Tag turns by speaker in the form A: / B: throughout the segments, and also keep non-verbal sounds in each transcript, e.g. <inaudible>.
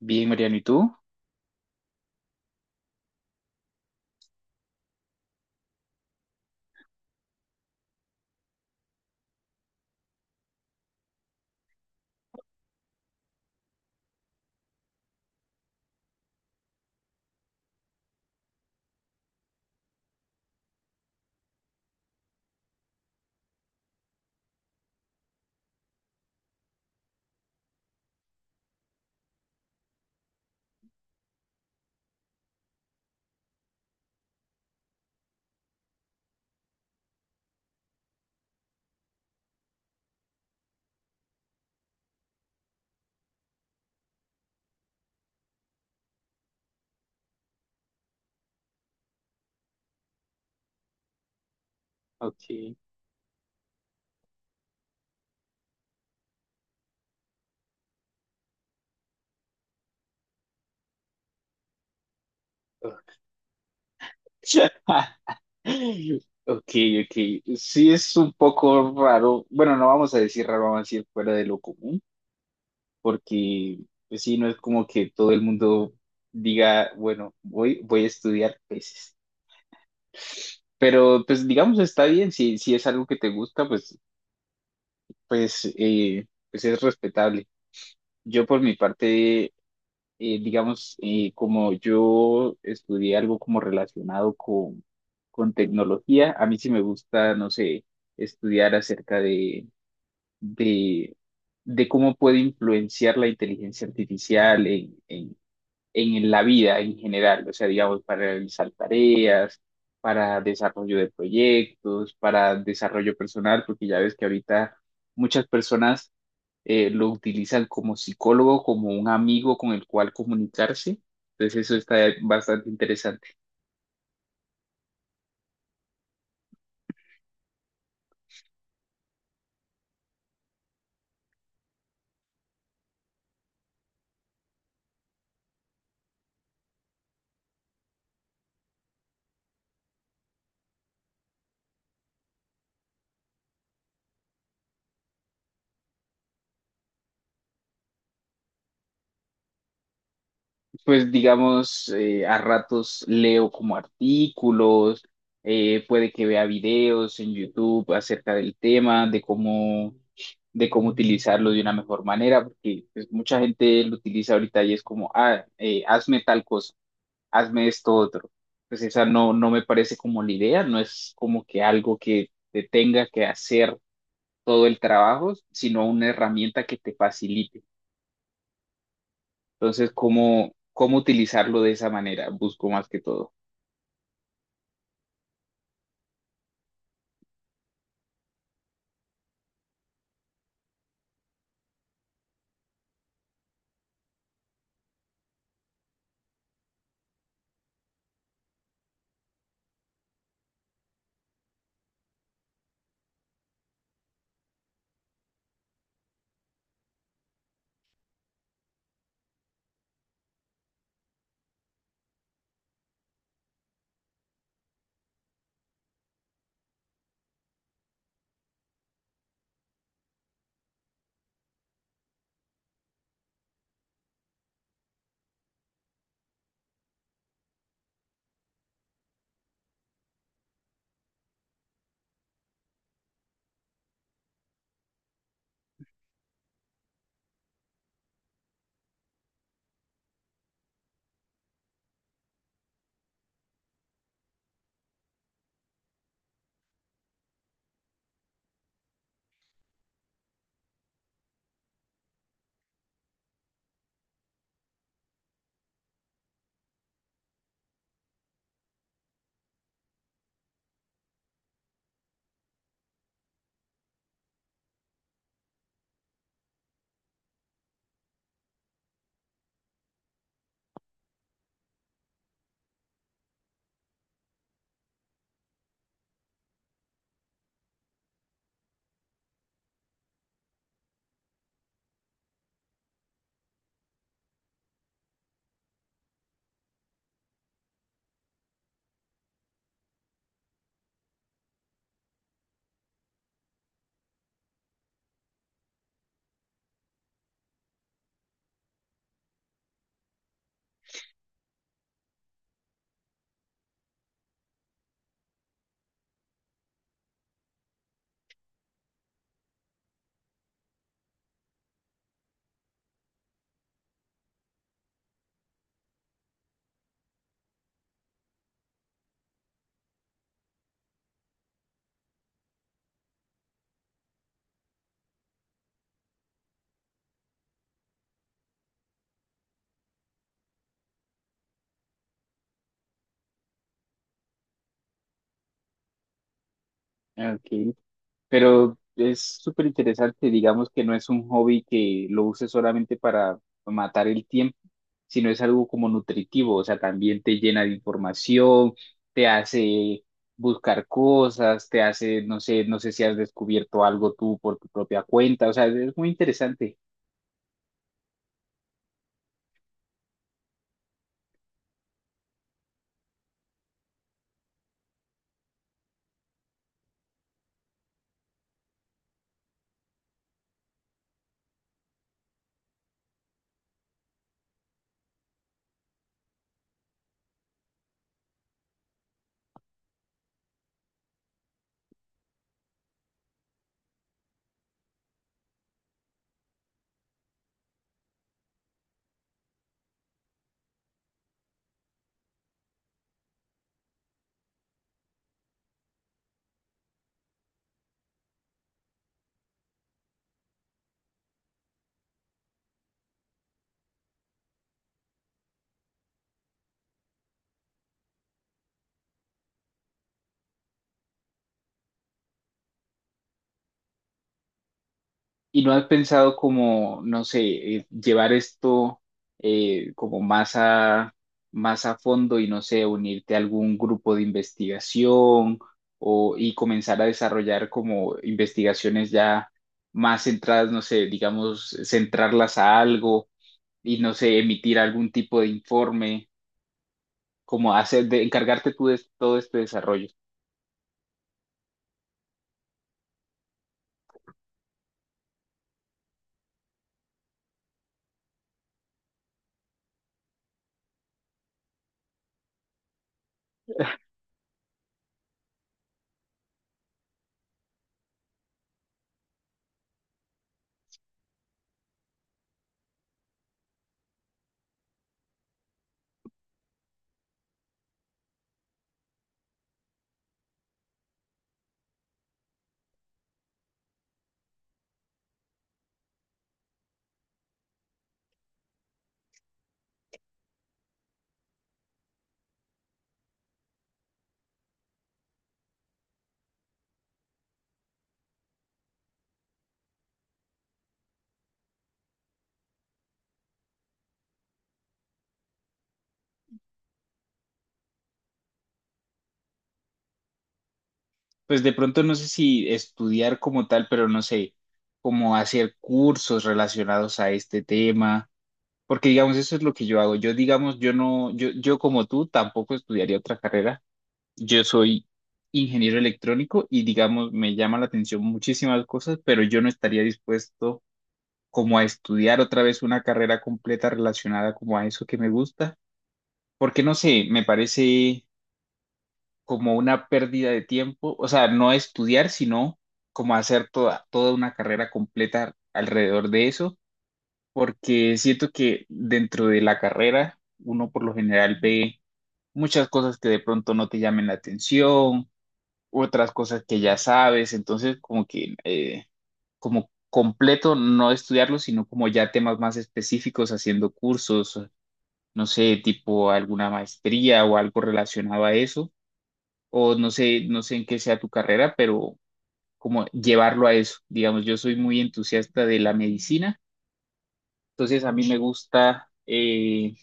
A: Bien, Mariano, ¿y tú? Ok. <laughs> Ok, ok. Sí, es un poco raro. Bueno, no vamos a decir raro, vamos a decir fuera de lo común, porque pues sí, no es como que todo el mundo diga, bueno, voy a estudiar peces. Pero pues digamos, está bien, si es algo que te gusta, pues, pues, pues es respetable. Yo por mi parte digamos, como yo estudié algo como relacionado con tecnología, a mí sí me gusta, no sé, estudiar acerca de, de cómo puede influenciar la inteligencia artificial en la vida en general, o sea, digamos, para realizar tareas, para desarrollo de proyectos, para desarrollo personal, porque ya ves que ahorita muchas personas lo utilizan como psicólogo, como un amigo con el cual comunicarse. Entonces eso está bastante interesante. Pues digamos, a ratos leo como artículos, puede que vea videos en YouTube acerca del tema, de cómo utilizarlo de una mejor manera, porque pues, mucha gente lo utiliza ahorita y es como, hazme tal cosa, hazme esto otro. Pues esa no, no me parece como la idea, no es como que algo que te tenga que hacer todo el trabajo, sino una herramienta que te facilite. Entonces, ¿ cómo utilizarlo de esa manera? Busco más que todo. Ok. Pero es súper interesante, digamos que no es un hobby que lo uses solamente para matar el tiempo, sino es algo como nutritivo, o sea, también te llena de información, te hace buscar cosas, te hace, no sé, no sé si has descubierto algo tú por tu propia cuenta, o sea, es muy interesante. ¿Y no has pensado como, no sé, llevar esto como más más a fondo y no sé, unirte a algún grupo de investigación o, y comenzar a desarrollar como investigaciones ya más centradas, no sé, digamos, centrarlas a algo y no sé, emitir algún tipo de informe, como hacer, de, encargarte tú de todo este desarrollo? Pues de pronto no sé si estudiar como tal, pero no sé, como hacer cursos relacionados a este tema, porque digamos, eso es lo que yo hago. Yo, digamos, yo no, yo como tú tampoco estudiaría otra carrera. Yo soy ingeniero electrónico y digamos, me llama la atención muchísimas cosas, pero yo no estaría dispuesto como a estudiar otra vez una carrera completa relacionada como a eso que me gusta, porque no sé, me parece como una pérdida de tiempo, o sea, no estudiar, sino como hacer toda, toda una carrera completa alrededor de eso, porque siento que dentro de la carrera uno por lo general ve muchas cosas que de pronto no te llamen la atención, otras cosas que ya sabes, entonces como que como completo no estudiarlo, sino como ya temas más específicos haciendo cursos, no sé, tipo alguna maestría o algo relacionado a eso o no sé, no sé en qué sea tu carrera, pero como llevarlo a eso. Digamos, yo soy muy entusiasta de la medicina, entonces a mí me gusta,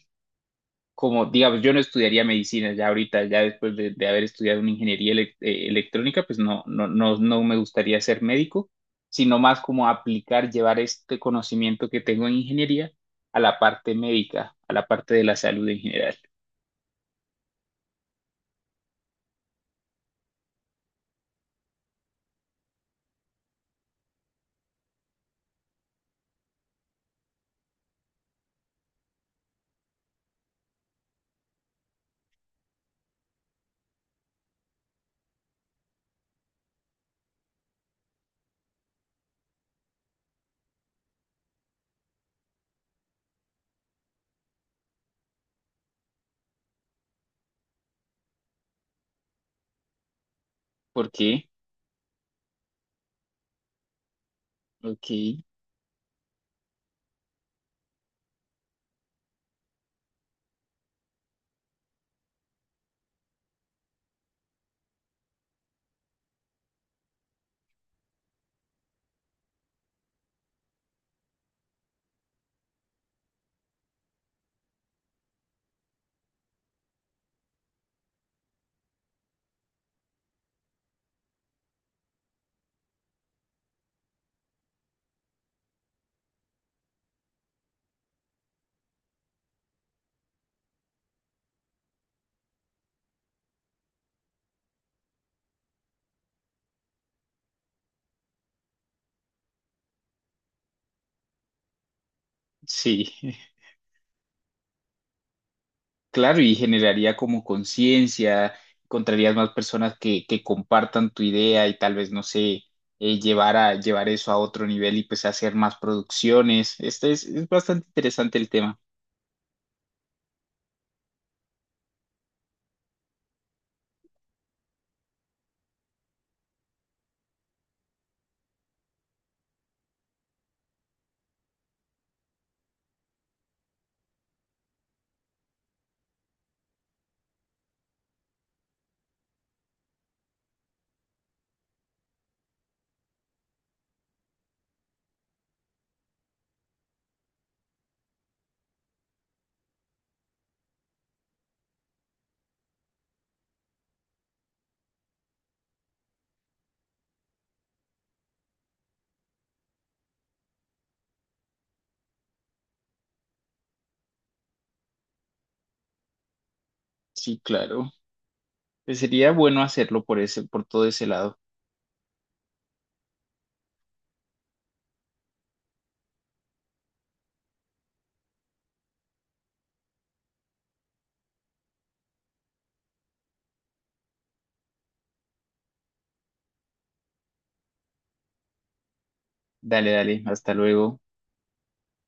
A: como, digamos, yo no estudiaría medicina ya ahorita, ya después de haber estudiado una ingeniería electrónica, pues no, no, no, no me gustaría ser médico, sino más como aplicar, llevar este conocimiento que tengo en ingeniería a la parte médica, a la parte de la salud en general. ¿Por qué? Ok, sí. <laughs> Claro, y generaría como conciencia, encontrarías más personas que compartan tu idea y tal vez, no sé, llevar llevar eso a otro nivel y pues hacer más producciones. Este es bastante interesante el tema. Sí, claro. Pues sería bueno hacerlo por ese, por todo ese lado. Dale, dale, hasta luego.